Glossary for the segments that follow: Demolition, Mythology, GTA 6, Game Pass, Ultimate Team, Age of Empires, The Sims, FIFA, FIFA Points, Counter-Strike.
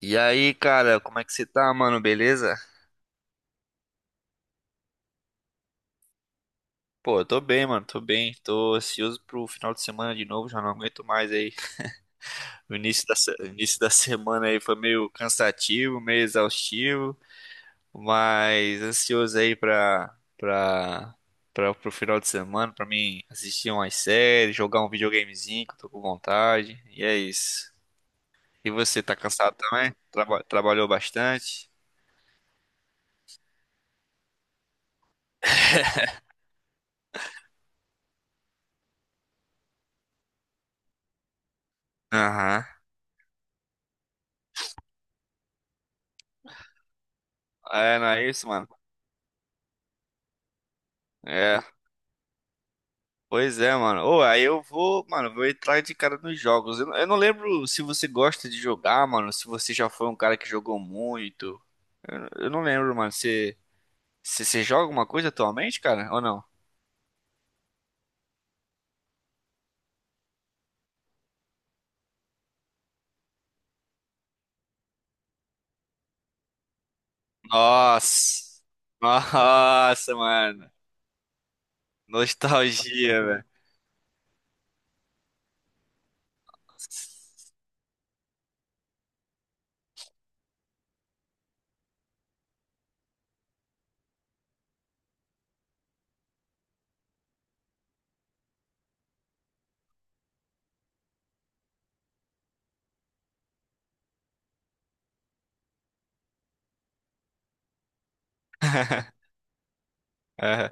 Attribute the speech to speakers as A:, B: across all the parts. A: E aí, cara, como é que você tá, mano? Beleza? Pô, eu tô bem, mano, tô bem. Tô ansioso pro final de semana de novo, já não aguento mais aí. O início da, se- o início da semana aí foi meio cansativo, meio exaustivo, mas ansioso aí pro final de semana, pra mim assistir umas séries, jogar um videogamezinho que eu tô com vontade. E é isso. E você, tá cansado também? Trabalhou bastante? Aham. É, não é isso, mano? É. Pois é, mano. Ô, aí eu vou, mano, vou entrar de cara nos jogos. Não, eu não lembro se você gosta de jogar, mano, se você já foi um cara que jogou muito. Eu não lembro, mano. Você joga alguma coisa atualmente, cara? Ou não? Nossa! Nossa, mano. Nostalgia, velho.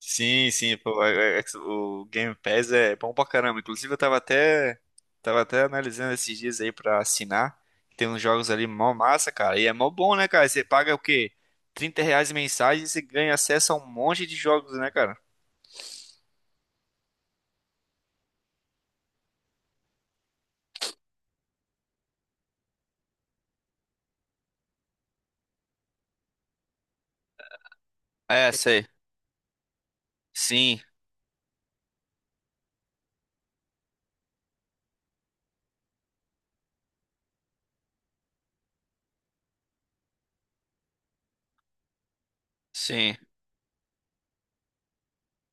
A: Sim, sim, pô, o Game Pass é bom pra caramba. Inclusive, eu tava até analisando esses dias aí pra assinar. Tem uns jogos ali mó massa, cara. E é mó bom, né, cara? Você paga o quê? 30 reais mensagem e você ganha acesso a um monte de jogos, né, cara? É, sei. Sim, sim.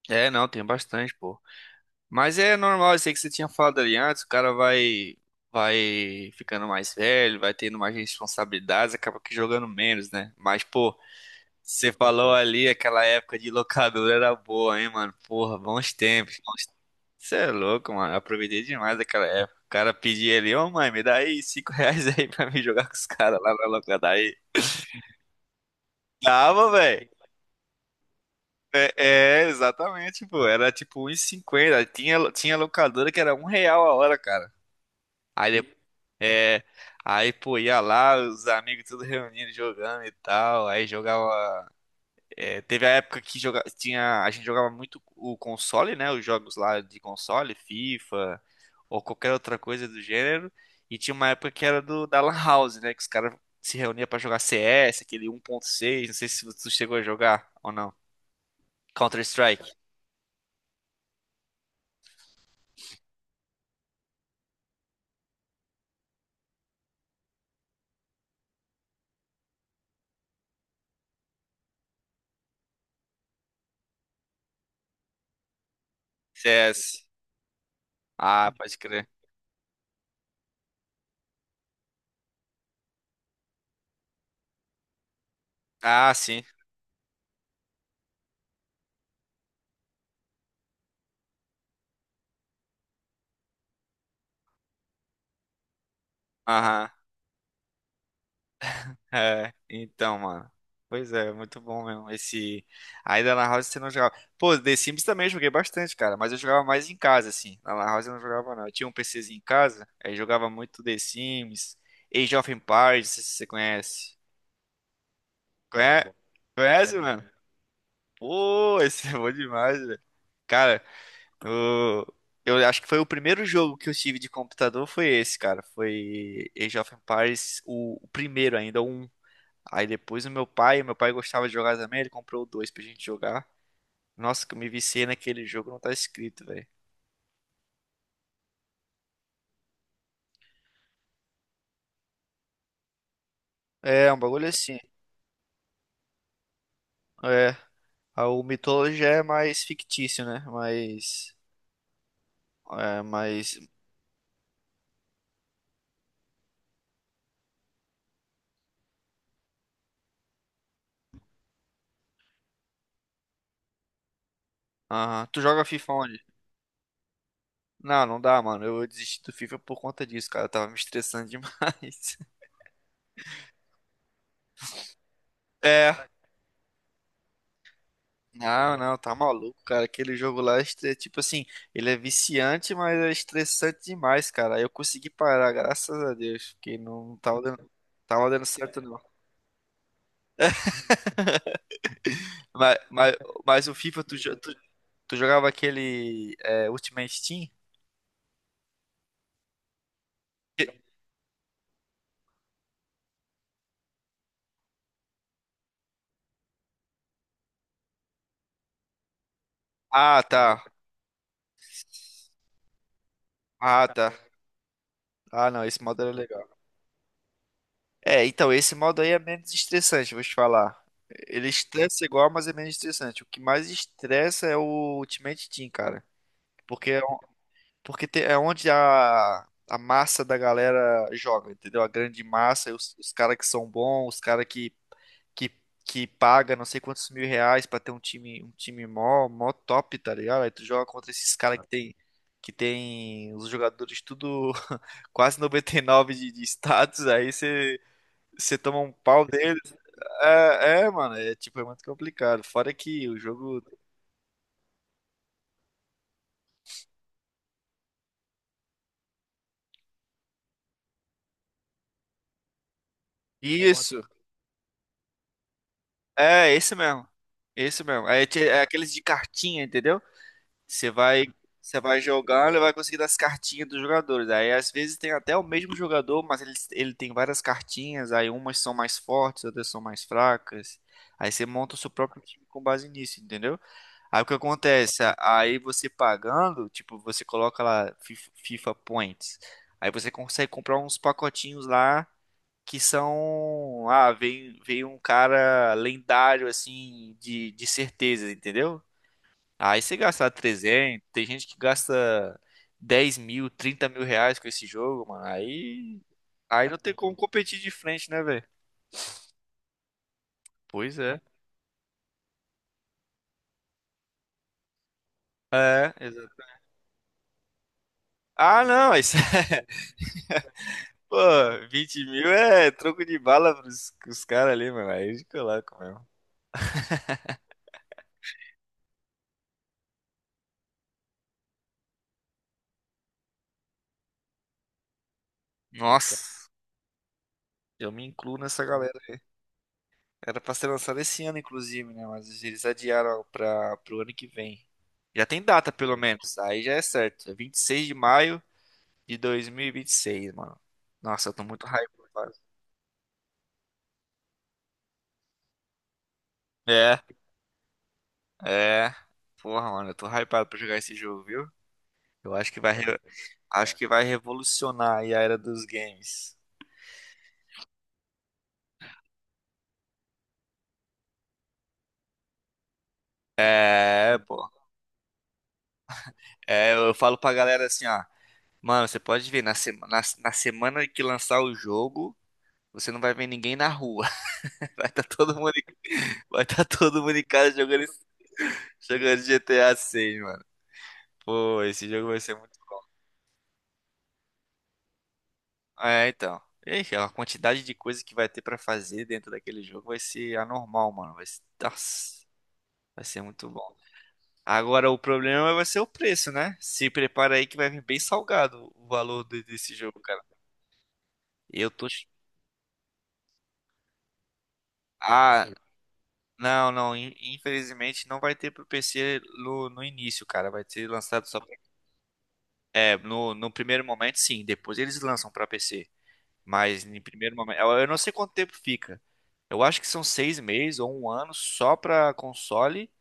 A: É, não, tem bastante, pô. Mas é normal, isso aí que você tinha falado ali antes, o cara vai ficando mais velho, vai tendo mais responsabilidades, acaba que jogando menos, né? Mas, pô. Você falou ali, aquela época de locadora era boa, hein, mano? Porra, bons tempos. Você é louco, mano. Eu aproveitei demais aquela época. O cara pedia ali, ô mãe, me dá aí cinco reais aí pra me jogar com os caras lá na locadora. Aí, dava, velho. É, é, exatamente, pô. Era tipo 1,50. Tinha locadora que era 1 real a hora, cara. Aí depois. É, aí, pô, ia lá, os amigos tudo reunindo, jogando e tal. Aí jogava. É, teve a época que a gente jogava muito o console, né? Os jogos lá de console, FIFA ou qualquer outra coisa do gênero. E tinha uma época que era do da Lan House, né? Que os caras se reuniam pra jogar CS, aquele 1.6. Não sei se tu chegou a jogar ou não. Counter-Strike, CS. Ah, pode crer. Ah, sim. Aham. É, então, mano. Pois é, muito bom mesmo. Esse. Aí da Lan House você não jogava. Pô, The Sims também eu joguei bastante, cara. Mas eu jogava mais em casa, assim. Na Lan House eu não jogava, não. Eu tinha um PCzinho em casa, aí jogava muito The Sims, Age of Empires, não sei se você conhece. Ah, conhece, conhece, mano? Pô, esse é bom demais, velho. Cara, o- eu acho que foi o primeiro jogo que eu tive de computador foi esse, cara. Foi Age of Empires, o primeiro ainda, o 1. Aí depois o meu pai gostava de jogar também, ele comprou dois pra gente jogar. Nossa, que eu me viciei naquele jogo, não tá escrito, velho. É, um bagulho assim. É, o Mythology é mais fictício, né? Mais. Aham. Tu joga FIFA onde? Não, não dá, mano. Eu desisti do FIFA por conta disso, cara. Eu tava me estressando demais. É, não, não, tá maluco, cara. Aquele jogo lá, tipo assim, ele é viciante, mas é estressante demais, cara. Eu consegui parar, graças a Deus, porque não tava dando, tava dando certo, não. Mas, mas, mas o FIFA, tu jogava aquele Ultimate Team? Que- Ah, tá. Ah, tá. Ah, não, esse modo era legal. É, então, esse modo aí é menos estressante, vou te falar. Ele estressa igual, mas é menos estressante. O que mais estressa é o Ultimate Team, cara. Porque Porque é onde a massa da galera joga, entendeu? A grande massa, os caras que são bons, os caras que, que paga não sei quantos mil reais pra ter um time mó top, tá ligado? Aí tu joga contra esses caras que tem os jogadores tudo quase 99 de status, aí você toma um pau deles. É, é, mano, é tipo, é muito complicado. Fora que o jogo. Isso, é esse mesmo. Esse mesmo. É, é aqueles de cartinha, entendeu? Você vai, você vai jogando e vai conseguindo as cartinhas dos jogadores. Aí às vezes tem até o mesmo jogador, mas ele tem várias cartinhas. Aí umas são mais fortes, outras são mais fracas. Aí você monta o seu próprio time com base nisso, entendeu? Aí o que acontece? Aí você pagando, tipo, você coloca lá FIFA Points. Aí você consegue comprar uns pacotinhos lá que são. Ah, vem, vem um cara lendário, assim, de certeza, entendeu? Aí você gastar 300, tem gente que gasta 10 mil, 30 mil reais com esse jogo, mano. Aí não tem como competir de frente, né, velho? Pois é. É, exato. Ah, não, isso é. Pô, 20 mil é troco de bala pros caras ali, mano. Aí eles colocam mesmo. Nossa, eu me incluo nessa galera. Era pra ser lançado esse ano, inclusive, né? Mas eles adiaram pro ano que vem. Já tem data, pelo menos. Aí já é certo. É 26 de maio de 2026, mano. Nossa, eu tô muito hypado. É, é. Porra, mano, eu tô hypado pra jogar esse jogo, viu? Eu acho que vai revolucionar aí a era dos games. É, pô. É, eu falo pra galera assim, ó. Mano, você pode ver, na semana que lançar o jogo, você não vai ver ninguém na rua. Vai estar todo mundo, em- Vai tá todo mundo em casa jogando, jogando GTA 6, mano. Pô, esse jogo vai ser muito. É, então. Ixi, a quantidade de coisa que vai ter pra fazer dentro daquele jogo vai ser anormal, mano. Vai ser, nossa, vai ser muito bom. Agora, o problema vai ser o preço, né? Se prepara aí que vai vir bem salgado o valor desse jogo, cara. Eu tô. Ah, não, não. Infelizmente não vai ter pro PC no início, cara. Vai ser lançado só. É, no primeiro momento, sim. Depois eles lançam pra PC. Mas em primeiro momento, eu não sei quanto tempo fica. Eu acho que são 6 meses ou um ano só para console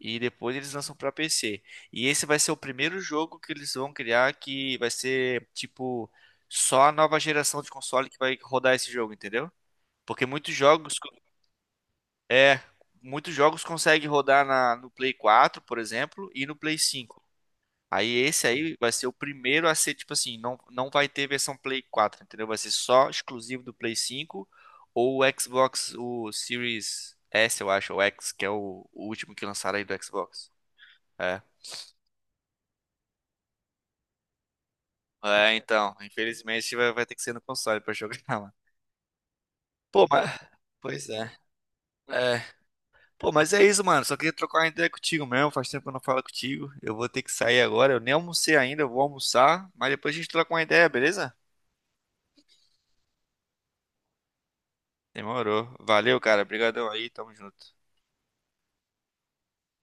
A: e depois eles lançam para PC. E esse vai ser o primeiro jogo que eles vão criar que vai ser tipo só a nova geração de console que vai rodar esse jogo, entendeu? Porque é muitos jogos conseguem rodar no Play 4, por exemplo, e no Play 5. Aí esse aí vai ser o primeiro a ser, tipo assim, não, não vai ter versão Play 4, entendeu? Vai ser só exclusivo do Play 5 ou o Xbox, o Series S, eu acho, ou X, que é o último que lançaram aí do Xbox. É. É, então, infelizmente vai ter que ser no console pra jogar, mano. Pô, mas. Pois é. É. Pô, mas é isso, mano. Só queria trocar uma ideia contigo mesmo. Faz tempo que eu não falo contigo. Eu vou ter que sair agora. Eu nem almocei ainda, eu vou almoçar. Mas depois a gente troca uma ideia, beleza? Demorou. Valeu, cara. Obrigadão aí. Tamo junto.